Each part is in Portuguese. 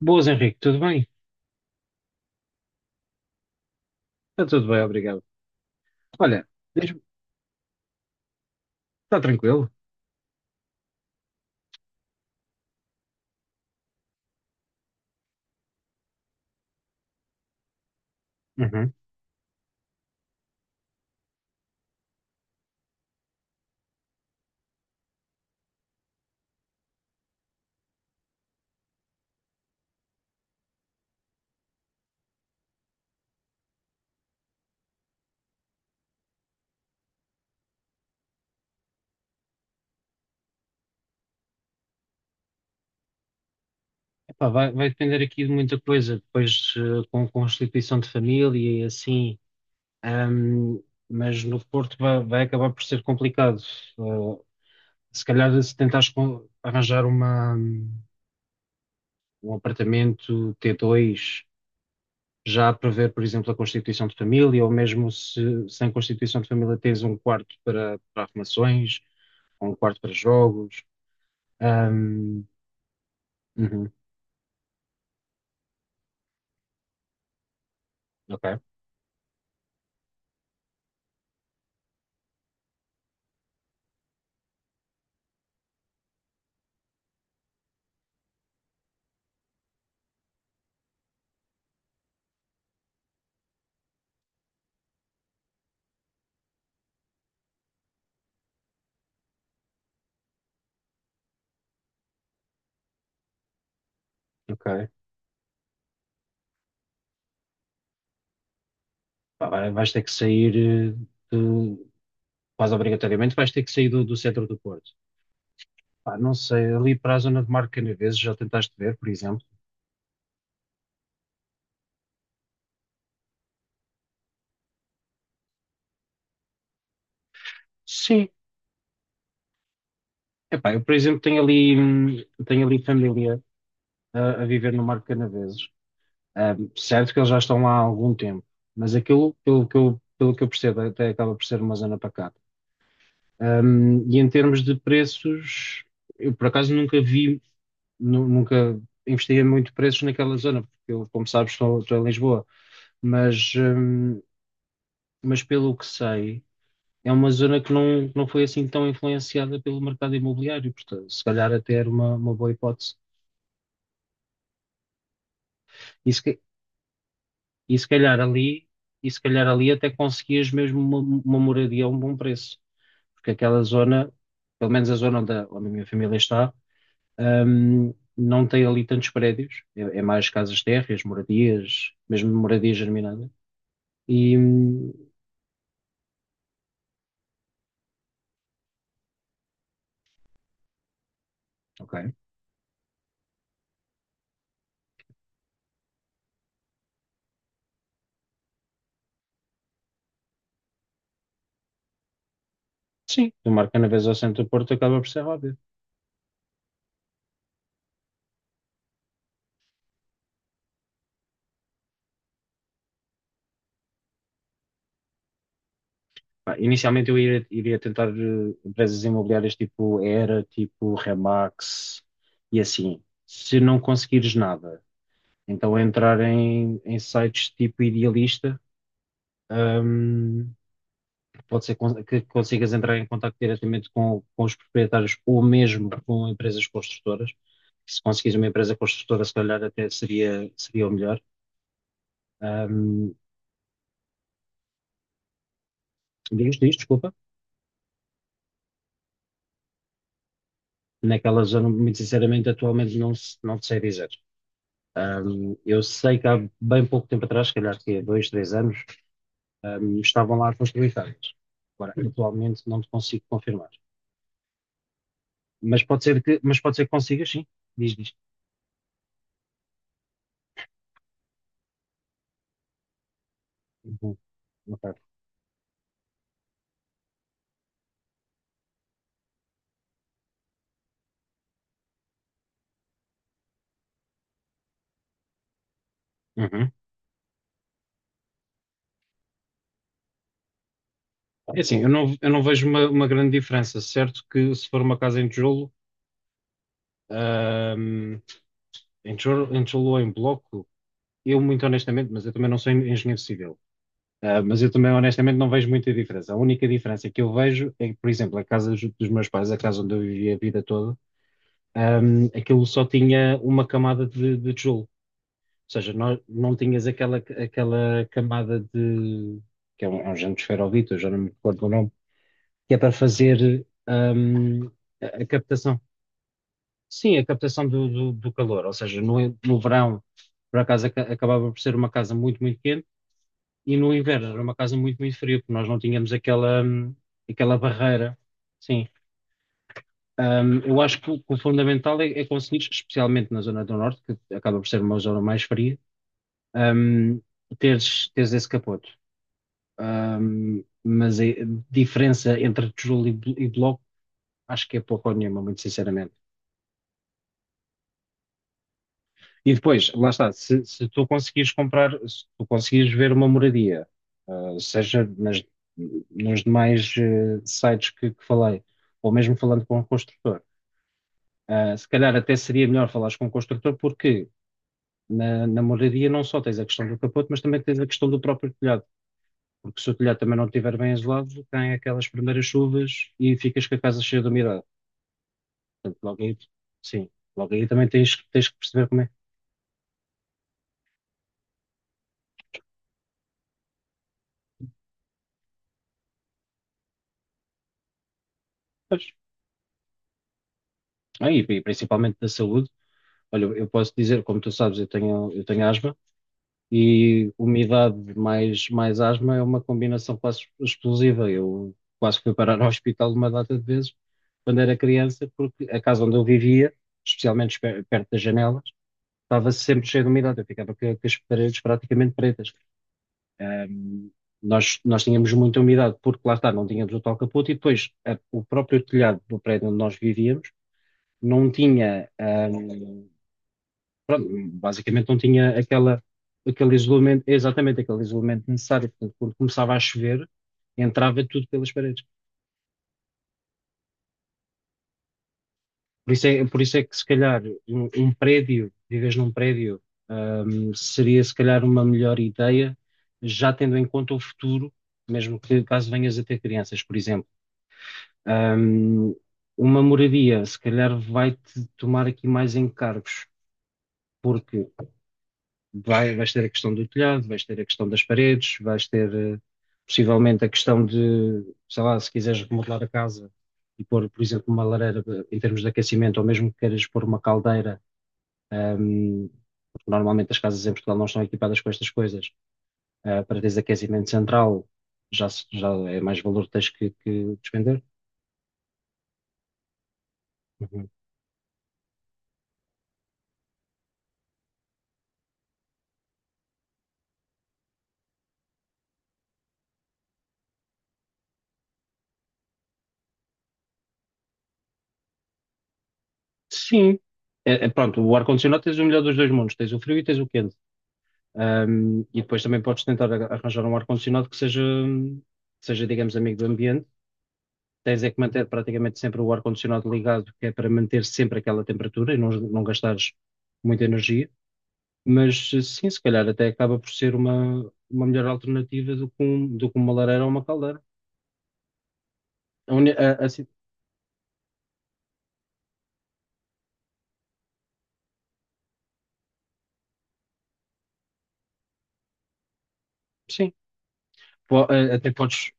Boas, Henrique, tudo bem? Está tudo bem, obrigado. Olha, diz-me, está tranquilo? Uhum. Epá, vai depender aqui de muita coisa, depois com a constituição de família e assim, ahm, mas no Porto vai acabar por ser complicado. Eh, se calhar se tentares arranjar um apartamento t dois já a prever, por exemplo, a constituição de família, ou mesmo se sem constituição de família tens um quarto para arrumações, ou um quarto para jogos. Hum. Uhum. Ok, ok. Pá, vais ter que sair, de- quase obrigatoriamente, vais ter que sair do centro do Porto. Pá, não sei, ali para a zona de Marco Canaveses, já tentaste ver, por exemplo? Sim. Epá, eu, por exemplo, tenho ali família a viver no Marco Canaveses. Certo que eles já estão lá há algum tempo, mas aquilo, pelo que eu percebo, até acaba por ser uma zona pacata. E em termos de preços, eu por acaso nunca vi nunca investiguei muito preços naquela zona, porque eu, como sabes, estou em Lisboa, mas, hum, mas pelo que sei, é uma zona que não, não foi assim tão influenciada pelo mercado imobiliário, portanto, se calhar até era uma boa hipótese. E se, ca- e se calhar ali até conseguias mesmo uma moradia a um bom preço, porque aquela zona, pelo menos a zona onde a minha família está, não tem ali tantos prédios, é mais casas térreas, moradias, mesmo moradias germinadas. E hum, Ok. Sim, do Marcanaves ao centro do Porto acaba por ser óbvio. Pá, inicialmente eu iria tentar empresas imobiliárias tipo Era, tipo Remax e assim. Se não conseguires nada, então entrar em sites tipo Idealista, hum, pode ser que consigas entrar em contato diretamente com os proprietários ou mesmo com empresas construtoras. Se conseguires uma empresa construtora, se calhar até seria o melhor. Hum, diz, diz, desculpa. Naquela zona, muito sinceramente, atualmente não, não te sei dizer. Eu sei que há bem pouco tempo atrás, se calhar que é dois, três anos, estavam lá a construir casas. Agora, atualmente não te consigo confirmar. Mas pode ser que consigas, sim. Diz, diz. Uhum. Ok. Uhum. É assim, eu não vejo uma grande diferença. Certo que se for uma casa em ahm, tijolo ou em bloco, eu muito honestamente, mas eu também não sou engenheiro civil. Mas eu também, honestamente, não vejo muita diferença. A única diferença que eu vejo é que, por exemplo, a casa dos meus pais, a casa onde eu vivi a vida toda, aquilo só tinha uma camada de tijolo. Ou seja, não, não tinhas aquela camada de que é um género de esferovite, eu já não me recordo o nome, que é para fazer a captação. Sim, a captação do calor. Ou seja, no verão, por acaso, acabava por ser uma casa muito, muito quente. E no inverno era uma casa muito, muito fria, porque nós não tínhamos aquela barreira. Sim. Eu acho que o fundamental é conseguir, especialmente na zona do norte, que acaba por ser uma zona mais fria, hum, teres esse capoto. Mas a diferença entre tijolo e bloco, acho que é pouco ou nenhuma, muito sinceramente. E depois, lá está, se tu conseguires comprar, se tu conseguires ver uma moradia, seja nos demais sites que falei, ou mesmo falando com o construtor, se calhar até seria melhor falares com o construtor, porque na moradia não só tens a questão do capote, mas também tens a questão do próprio telhado. Porque se o telhado também não estiver bem isolado, tem aquelas primeiras chuvas e ficas com a casa cheia de umidade. Portanto, logo aí, sim, logo aí também tens que perceber como é. Pois, e principalmente da saúde. Olha, eu posso dizer, como tu sabes, eu tenho asma e umidade mais asma é uma combinação quase explosiva. Eu quase fui parar ao hospital uma data de vezes quando era criança, porque a casa onde eu vivia, especialmente perto das janelas, estava sempre cheia de umidade. Eu ficava com as paredes praticamente pretas. Ahm, nós tínhamos muita umidade, porque lá está, não tínhamos o tal capote e depois o próprio telhado do prédio onde nós vivíamos não tinha. Basicamente não tinha aquele isolamento, exatamente aquele isolamento necessário. Portanto, quando começava a chover, entrava tudo pelas paredes. Por isso é que, se calhar, um prédio, vives num prédio, seria, se calhar, uma melhor ideia, já tendo em conta o futuro, mesmo que caso venhas a ter crianças, por exemplo. Hum, uma moradia, se calhar, vai-te tomar aqui mais encargos, porque vais ter a questão do telhado, vais ter a questão das paredes, vais ter possivelmente a questão de, sei lá, se quiseres remodelar a casa e pôr, por exemplo, uma lareira em termos de aquecimento, ou mesmo que queiras pôr uma caldeira, ahm, porque normalmente as casas em Portugal não estão equipadas com estas coisas, para teres aquecimento central, já, já é mais valor que tens que despender. Uhum. Sim. É, pronto, o ar-condicionado tens o melhor dos dois mundos, tens o frio e tens o quente. E depois também podes tentar arranjar um ar-condicionado que seja, digamos, amigo do ambiente. Tens é que manter praticamente sempre o ar-condicionado ligado, que é para manter sempre aquela temperatura e não, não gastares muita energia. Mas sim, se calhar até acaba por ser uma melhor alternativa do que uma lareira ou uma caldeira. A uni- a si- sim, até podes.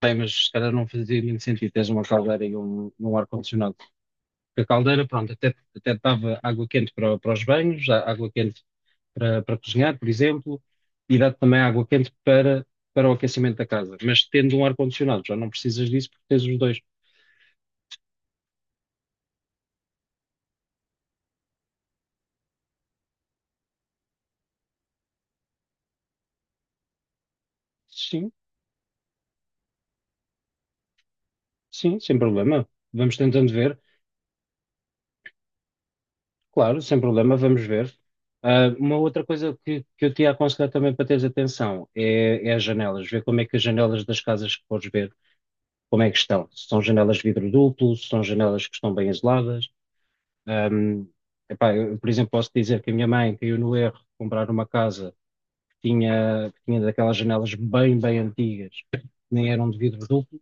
Bem, mas se calhar não fazia muito sentido teres uma caldeira e um ar-condicionado. Porque a caldeira, pronto, até dava água quente para os banhos, água quente para cozinhar, por exemplo, e dá-te também água quente para o aquecimento da casa. Mas tendo um ar-condicionado, já não precisas disso porque tens os dois. Sim, sim, sem problema. Vamos tentando ver. Claro, sem problema, vamos ver. Uma outra coisa que eu te ia aconselhar também para teres atenção é as janelas. Ver como é que as janelas das casas que podes ver, como é que estão. Se são janelas de vidro duplo, se são janelas que estão bem isoladas. Ahm, Epá, eu, por exemplo, posso dizer que a minha mãe caiu no erro de comprar uma casa. Tinha daquelas janelas bem, bem antigas, nem eram de vidro duplo.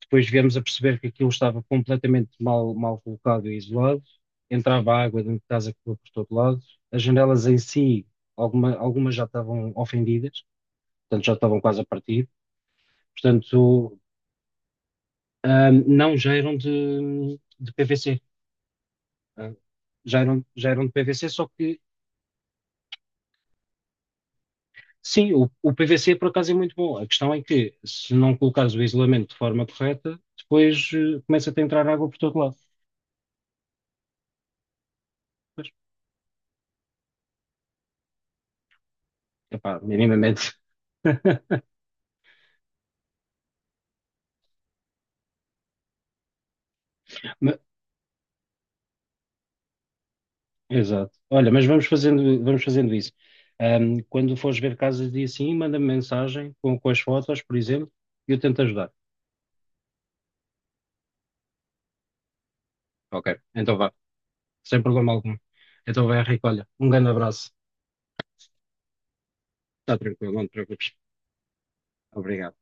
Depois viemos a perceber que aquilo estava completamente mal, mal colocado e isolado. Entrava água dentro de casa que foi por todo lado. As janelas em si, algumas já estavam ofendidas, portanto já estavam quase a partir. Portanto, não, já eram de PVC. hum, já eram, já eram de PVC, só que. Sim, o PVC por acaso é muito bom. A questão é que se não colocares o isolamento de forma correta, depois começa a entrar água por todo lado. Mas, epá, minimamente. Ma- Exato. Olha, mas vamos fazendo isso. Quando fores ver casas de assim, manda-me mensagem com as fotos, por exemplo, e eu tento ajudar. Ok, então vá, sem problema algum. Então vai, Henrique, olha, um grande abraço. Está tranquilo, não te preocupes. Obrigado.